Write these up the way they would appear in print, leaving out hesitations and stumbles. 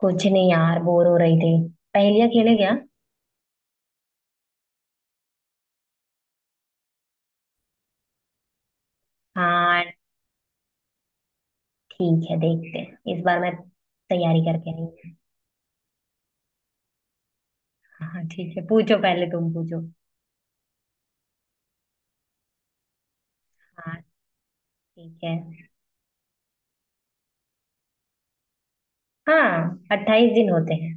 कुछ नहीं यार बोर हो रही थी। पहेलियां खेले क्या। हाँ, ठीक है, देखते हैं इस बार मैं तैयारी करके नहीं। हाँ ठीक है, पूछो, पहले तुम पूछो। हाँ ठीक है। हाँ, अट्ठाईस दिन होते हैं।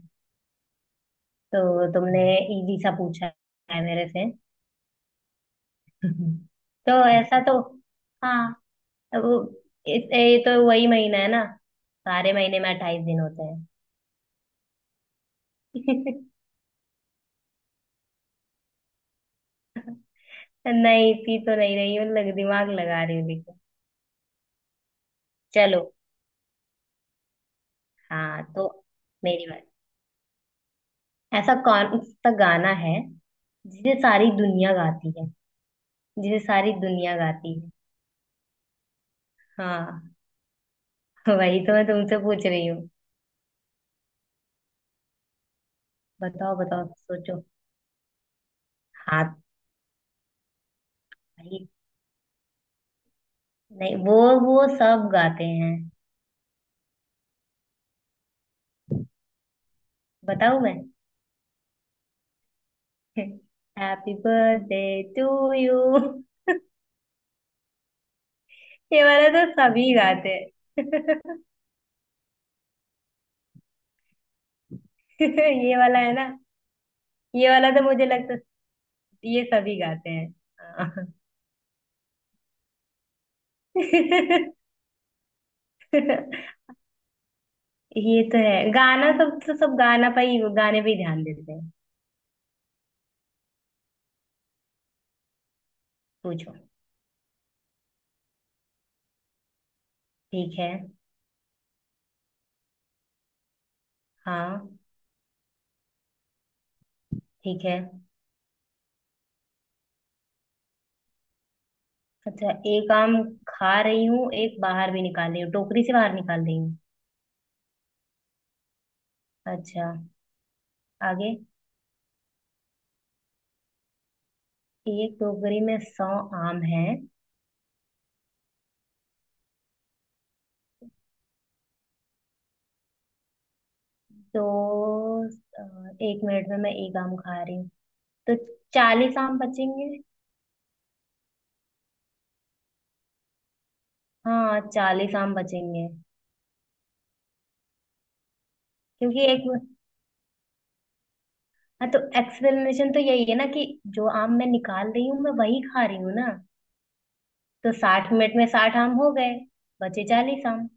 तो तुमने इजी सा पूछा है मेरे से। तो ऐसा तो हाँ, तो वो ये तो वही महीना है ना, सारे महीने में अट्ठाईस दिन होते हैं। नहीं, इतनी तो नहीं रही हूँ, लग दिमाग लगा रही हूँ देखो। चलो। हाँ तो मेरी बात, ऐसा कौन सा गाना है जिसे सारी दुनिया गाती है। जिसे सारी दुनिया गाती है। हाँ, वही तो मैं तुमसे पूछ रही हूँ। बताओ बताओ सोचो। हाथ भाई, नहीं वो, वो सब गाते हैं। बताऊँ मैं? Happy birthday to you. ये वाला तो सभी गाते हैं। ये वाला है ना, ये वाला तो मुझे लगता है ये सभी गाते हैं। हाँ। ये तो है गाना, सब तो सब गाना पे ही गाने पे ही ध्यान देते हैं। पूछो। ठीक है। हाँ ठीक है। अच्छा, एक आम खा रही हूँ, एक बाहर भी निकाल रही हूँ, टोकरी से बाहर निकाल रही हूँ। अच्छा। आगे, एक टोकरी में सौ आम हैं। तो अ, एक मिनट में मैं एक आम खा रही हूँ तो चालीस आम बचेंगे। हाँ, चालीस आम बचेंगे क्योंकि एक, हाँ तो एक्सप्लेनेशन तो यही है ना कि जो आम मैं निकाल रही हूँ मैं वही खा रही हूँ ना, तो साठ मिनट में साठ आम हो गए, बचे चालीस आम।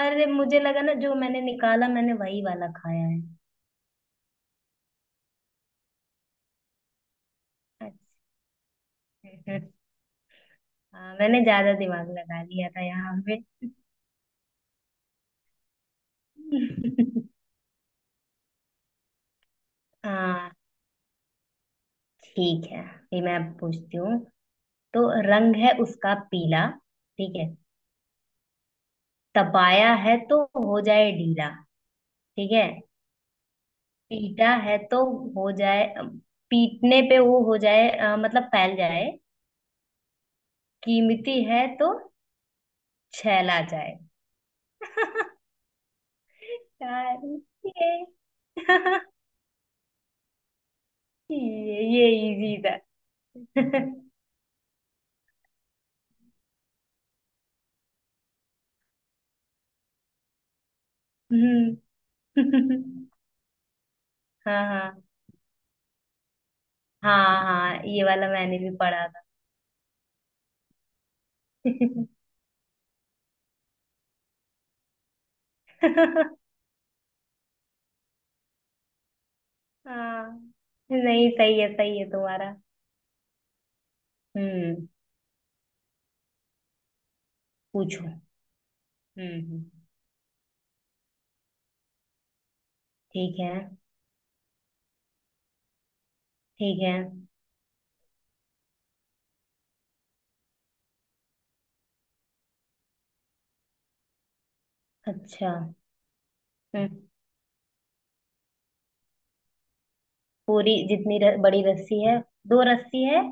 अरे मुझे लगा ना जो मैंने निकाला मैंने वही वाला खाया है। अच्छा। हाँ, मैंने ज्यादा दिमाग लगा लिया था यहाँ पे। हाँ ठीक है, ये मैं अब पूछती हूँ। तो रंग है उसका पीला, ठीक है। तपाया है तो हो जाए ढीला, ठीक है। पीटा है तो हो जाए, पीटने पे वो हो जाए मतलब फैल जाए। कीमती है तो छैला जाए। यार, ये ये इजी था। हम्म। हाँ, हाँ, हाँ, हाँ, ये वाला मैंने भी पढ़ा था। हाँ, नहीं सही है, सही है तुम्हारा। हम्म। पूछो। हम्म हम्म, ठीक है। ठीक है। अच्छा। हम्म, पूरी जितनी बड़ी रस्सी है। दो रस्सी है।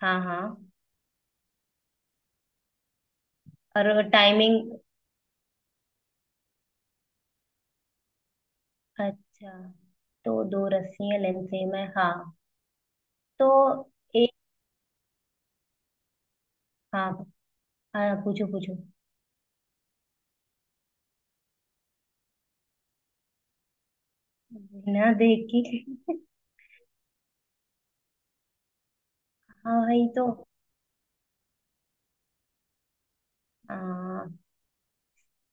हाँ हाँ। और टाइमिंग। अच्छा, तो दो रस्सी है, लेंथ सेम है। हाँ तो हाँ, हाँ पूछो पूछो। बिना देख के। हाँ भाई तो आ,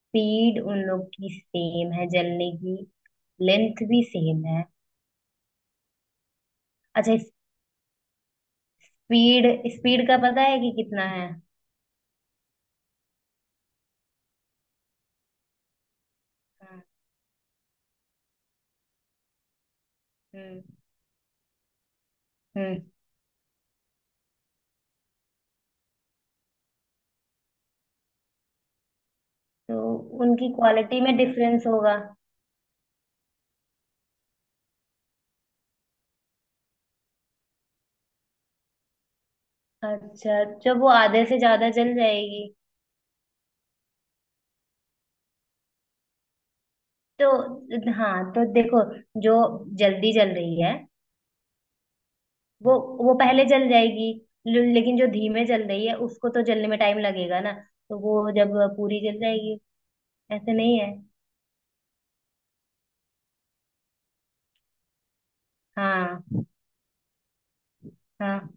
स्पीड उन लोग की सेम है जलने की। लेंथ भी सेम है। अच्छा। स्पीड स्पीड का पता है कि कितना है। हाँ। हम्म हम्म। तो उनकी क्वालिटी में डिफरेंस होगा। अच्छा, जब वो आधे से ज्यादा जल जाएगी। तो हाँ तो देखो, जो जल्दी जल रही है वो वो पहले जल जाएगी। लेकिन जो धीमे जल रही है उसको तो जलने में टाइम लगेगा ना, तो वो जब पूरी जल जाएगी। ऐसे नहीं है। हाँ हाँ।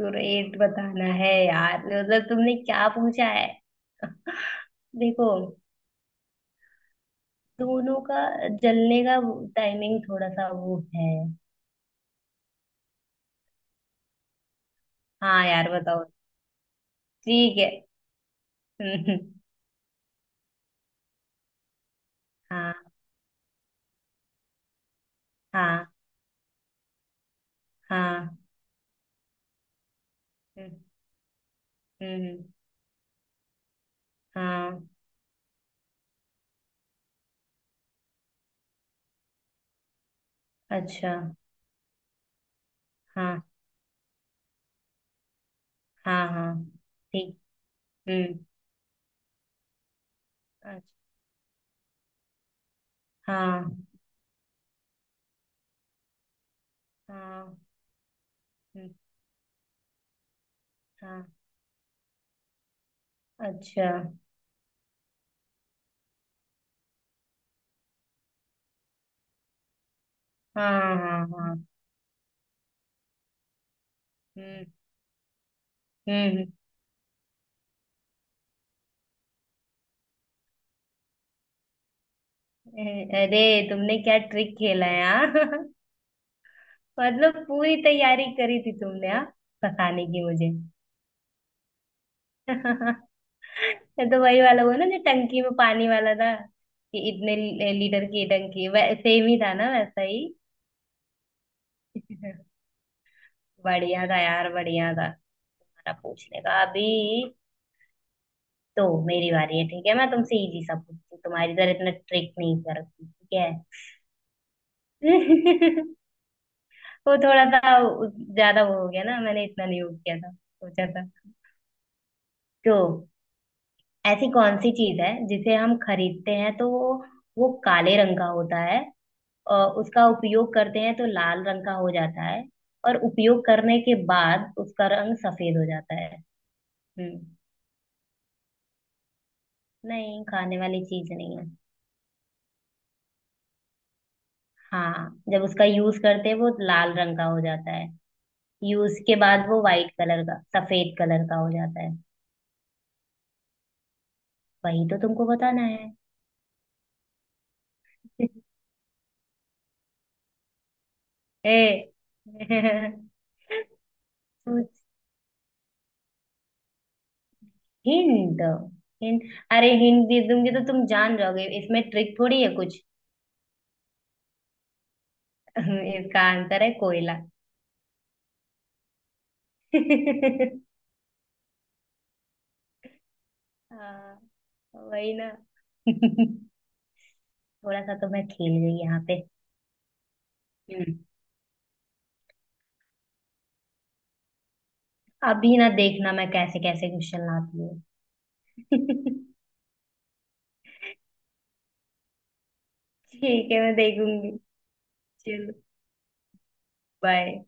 ग्रेट बताना है यार, मतलब तुमने क्या पूछा है? देखो, दोनों का जलने का टाइमिंग थोड़ा सा वो है। हाँ यार बताओ। ठीक है। हम्म, हाँ हाँ हाँ। हम्म, हम्म, हाँ। अच्छा, हाँ हाँ हाँ। ठीक। हम्म। हाँ। हाँ। हम्म, हाँ। अच्छा। हाँ हाँ हाँ। हम्म। हम्म। अरे, तुमने क्या ट्रिक खेला है, हाँ? मतलब पूरी तैयारी करी थी तुमने, हाँ, फंसाने की मुझे। ये तो वही वाला हुआ ना जो टंकी में पानी वाला था, कि इतने लीटर की टंकी सेम ही था ना, वैसा ही। बढ़िया था यार, बढ़िया था तुम्हारा पूछने का अभी। तो मेरी बारी है, ठीक है, मैं तुमसे इजी सा पूछती हूँ, तुम्हारी तरह इतना ट्रिक नहीं करती, ठीक है। वो थोड़ा सा ज्यादा वो हो गया ना, मैंने इतना नहीं वो किया था सोचा था। तो ऐसी कौन सी चीज है जिसे हम खरीदते हैं तो वो काले रंग का होता है, और उसका उपयोग करते हैं तो लाल रंग का हो जाता है, और उपयोग करने के बाद उसका रंग सफेद हो जाता है। हम्म। नहीं, खाने वाली चीज नहीं है। हाँ, जब उसका यूज करते हैं वो लाल रंग का हो जाता है। यूज के बाद वो वाइट कलर का, सफेद कलर का हो जाता है। वही तो तुमको बताना है। A hint, hint. अरे हिंट दे दूंगी तो तुम जान जाओगे, इसमें ट्रिक थोड़ी है कुछ। इसका आंसर है कोयला। हाँ, वही ना। थोड़ा सा तो मैं खेल गई यहाँ पे। हम्म, अभी ना देखना मैं कैसे कैसे क्वेश्चन लाती हूँ। ठीक है, मैं देखूंगी। चलो। बाय।